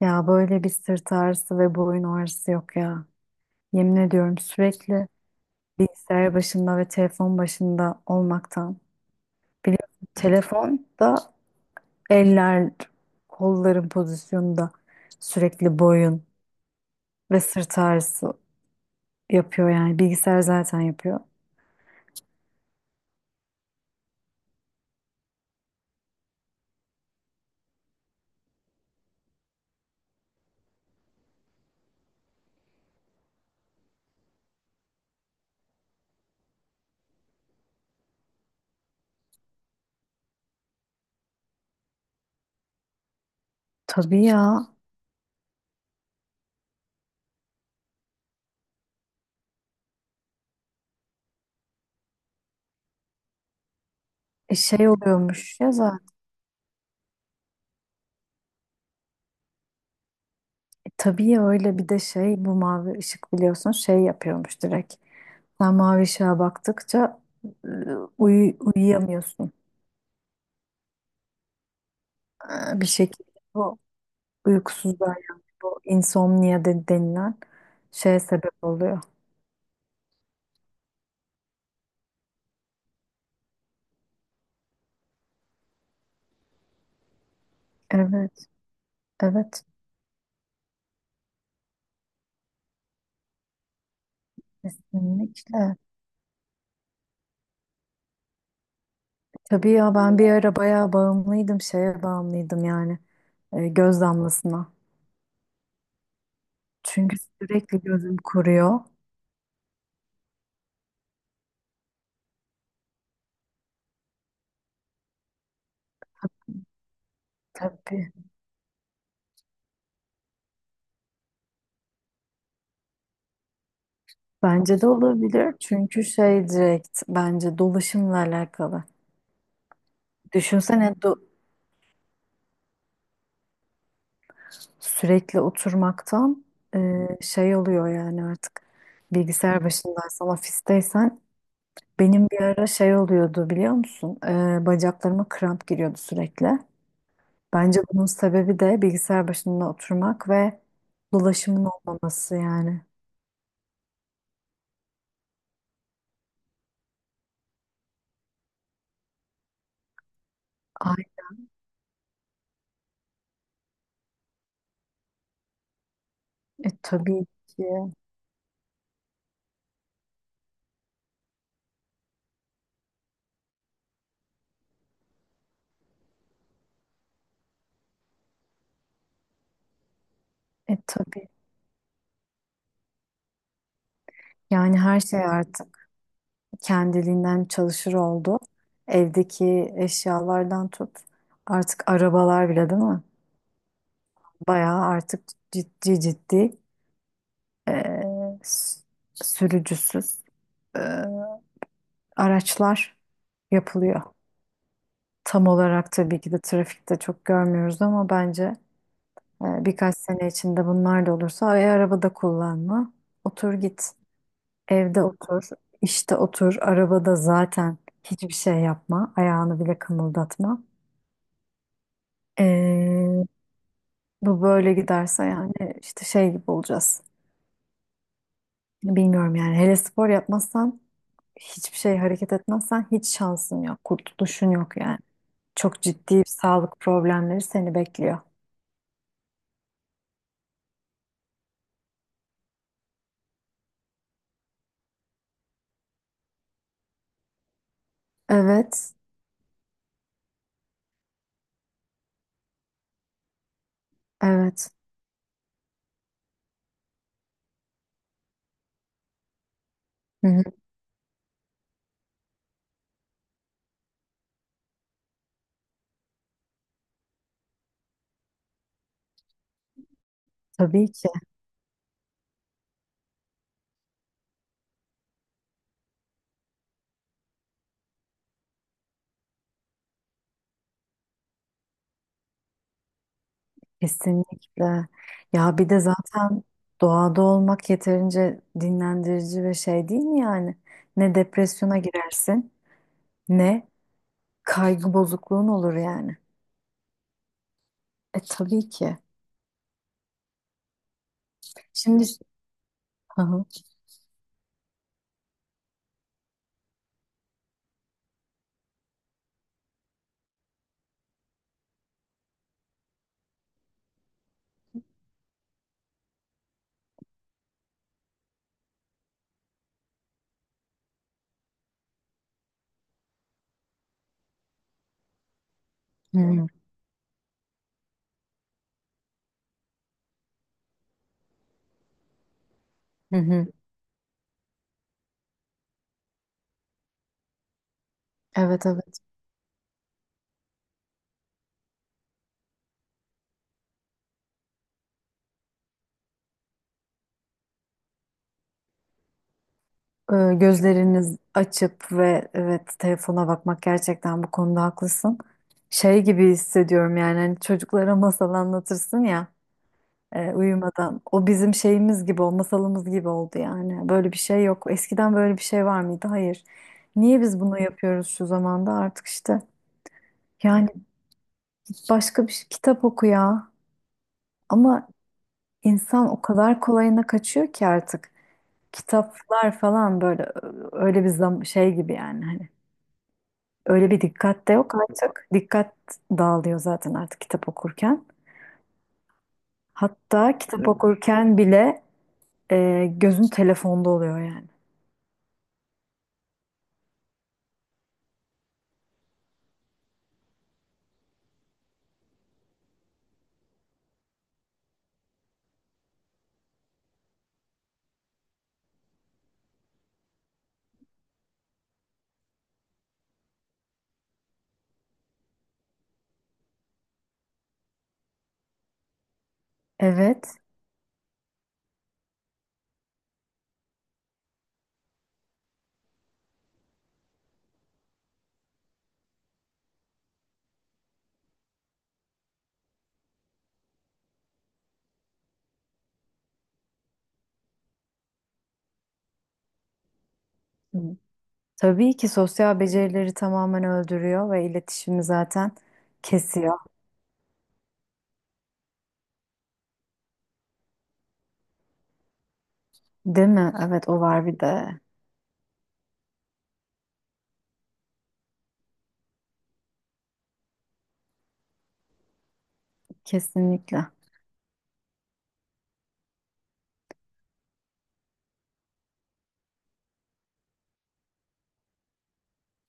Ya böyle bir sırt ağrısı ve boyun ağrısı yok ya. Yemin ediyorum, sürekli bilgisayar başında ve telefon başında olmaktan. Biliyorsun, telefon da eller, kolların pozisyonunda sürekli boyun ve sırt ağrısı yapıyor yani. Bilgisayar zaten yapıyor. Tabii ya. E şey oluyormuş ya zaten. E tabii ya, öyle bir de şey, bu mavi ışık, biliyorsun, şey yapıyormuş direkt. Sen mavi ışığa baktıkça e, uyuyamıyorsun. Bir şekilde o uykusuzluğa, yani bu insomnia denilen şeye sebep oluyor. Evet, evet, kesinlikle. Tabii ya, ben bir ara bayağı bağımlıydım, şeye bağımlıydım yani, göz damlasına. Çünkü sürekli gözüm kuruyor. Tabii. Bence de olabilir. Çünkü şey, direkt bence dolaşımla alakalı. Düşünsene, sürekli oturmaktan şey oluyor yani, artık bilgisayar başındaysan, ofisteysen. Benim bir ara şey oluyordu, biliyor musun? Bacaklarıma kramp giriyordu sürekli. Bence bunun sebebi de bilgisayar başında oturmak ve dolaşımın olmaması yani. Ay, tabii ki. E tabii. Yani her şey artık kendiliğinden çalışır oldu. Evdeki eşyalardan tut. Artık arabalar bile, değil mi? Bayağı artık, ciddi ciddi, e, s- sürücüsüz e, araçlar yapılıyor. Tam olarak tabii ki de trafikte çok görmüyoruz ama bence birkaç sene içinde bunlar da olursa, ay, arabada kullanma. Otur git. Evde otur. İşte otur. Arabada zaten hiçbir şey yapma. Ayağını bile kımıldatma. E, bu böyle giderse yani, işte şey gibi olacağız. Bilmiyorum yani, hele spor yapmazsan, hiçbir şey hareket etmezsen hiç şansın yok. Kurtuluşun yok yani. Çok ciddi sağlık problemleri seni bekliyor. Evet. Evet. Hı hı. Tabii ki, kesinlikle. Ya bir de zaten doğada olmak yeterince dinlendirici ve şey, değil mi yani? Ne depresyona girersin, ne kaygı bozukluğun olur yani. E tabii ki. Şimdi. Hı hı. Hı hı. Hı hı. Evet, evet. Gözleriniz açıp ve, evet, telefona bakmak, gerçekten bu konuda haklısın. Şey gibi hissediyorum yani, hani çocuklara masal anlatırsın ya. Uyumadan. O bizim şeyimiz gibi, o masalımız gibi oldu yani. Böyle bir şey yok. Eskiden böyle bir şey var mıydı? Hayır. Niye biz bunu yapıyoruz şu zamanda? Artık işte, yani kitap oku ya. Ama insan o kadar kolayına kaçıyor ki artık. Kitaplar falan böyle, öyle bir zam şey gibi yani, hani. Öyle bir dikkat de yok artık. Dikkat dağılıyor zaten artık kitap okurken. Hatta kitap, evet, okurken bile gözün telefonda oluyor yani. Evet. Hı. Tabii ki sosyal becerileri tamamen öldürüyor ve iletişimi zaten kesiyor. Değil mi? Evet, o var bir de. Kesinlikle.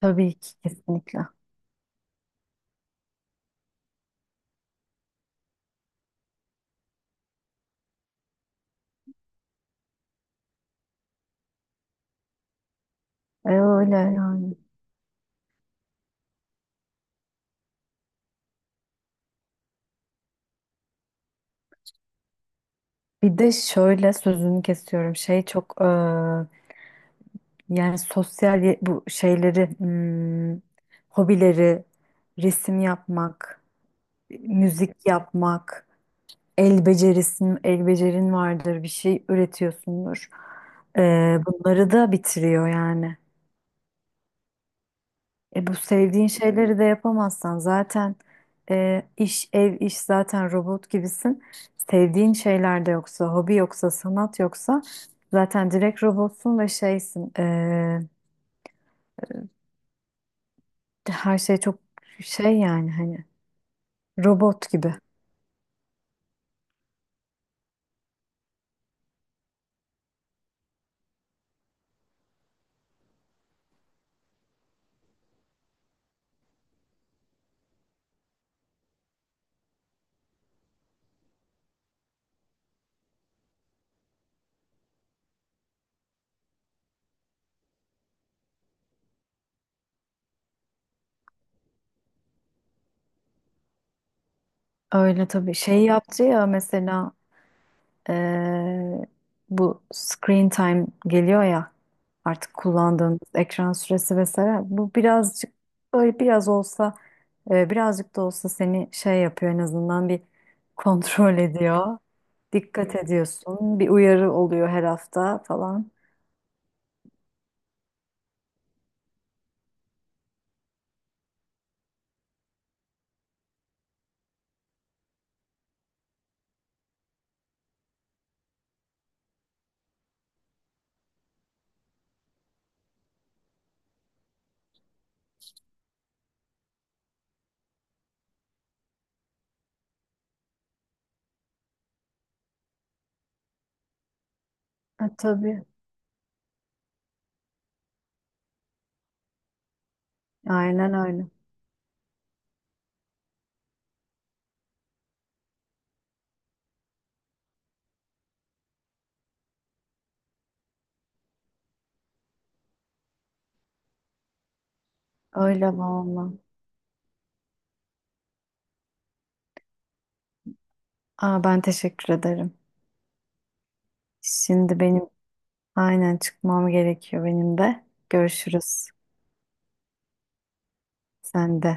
Tabii ki kesinlikle. E, öyle yani. Bir de şöyle, sözünü kesiyorum. Şey çok yani sosyal, bu şeyleri, hobileri, resim yapmak, müzik yapmak, el becerin vardır, bir şey üretiyorsundur. E, bunları da bitiriyor yani. E, bu sevdiğin şeyleri de yapamazsan, zaten iş, ev, iş, zaten robot gibisin. Sevdiğin şeyler de yoksa, hobi yoksa, sanat yoksa zaten direkt robotsun ve şeysin. Her şey çok şey yani, hani robot gibi. Öyle tabii. Şey yaptı ya mesela. Ee, bu screen time geliyor ya, artık kullandığımız ekran süresi vesaire, bu birazcık, böyle biraz olsa, birazcık da olsa seni şey yapıyor, en azından bir kontrol ediyor. Dikkat ediyorsun. Bir uyarı oluyor her hafta falan. Ha, tabii. Aynen öyle. Öyle valla. Aa, ben teşekkür ederim. Şimdi benim, aynen, çıkmam gerekiyor benim de. Görüşürüz. Sen de.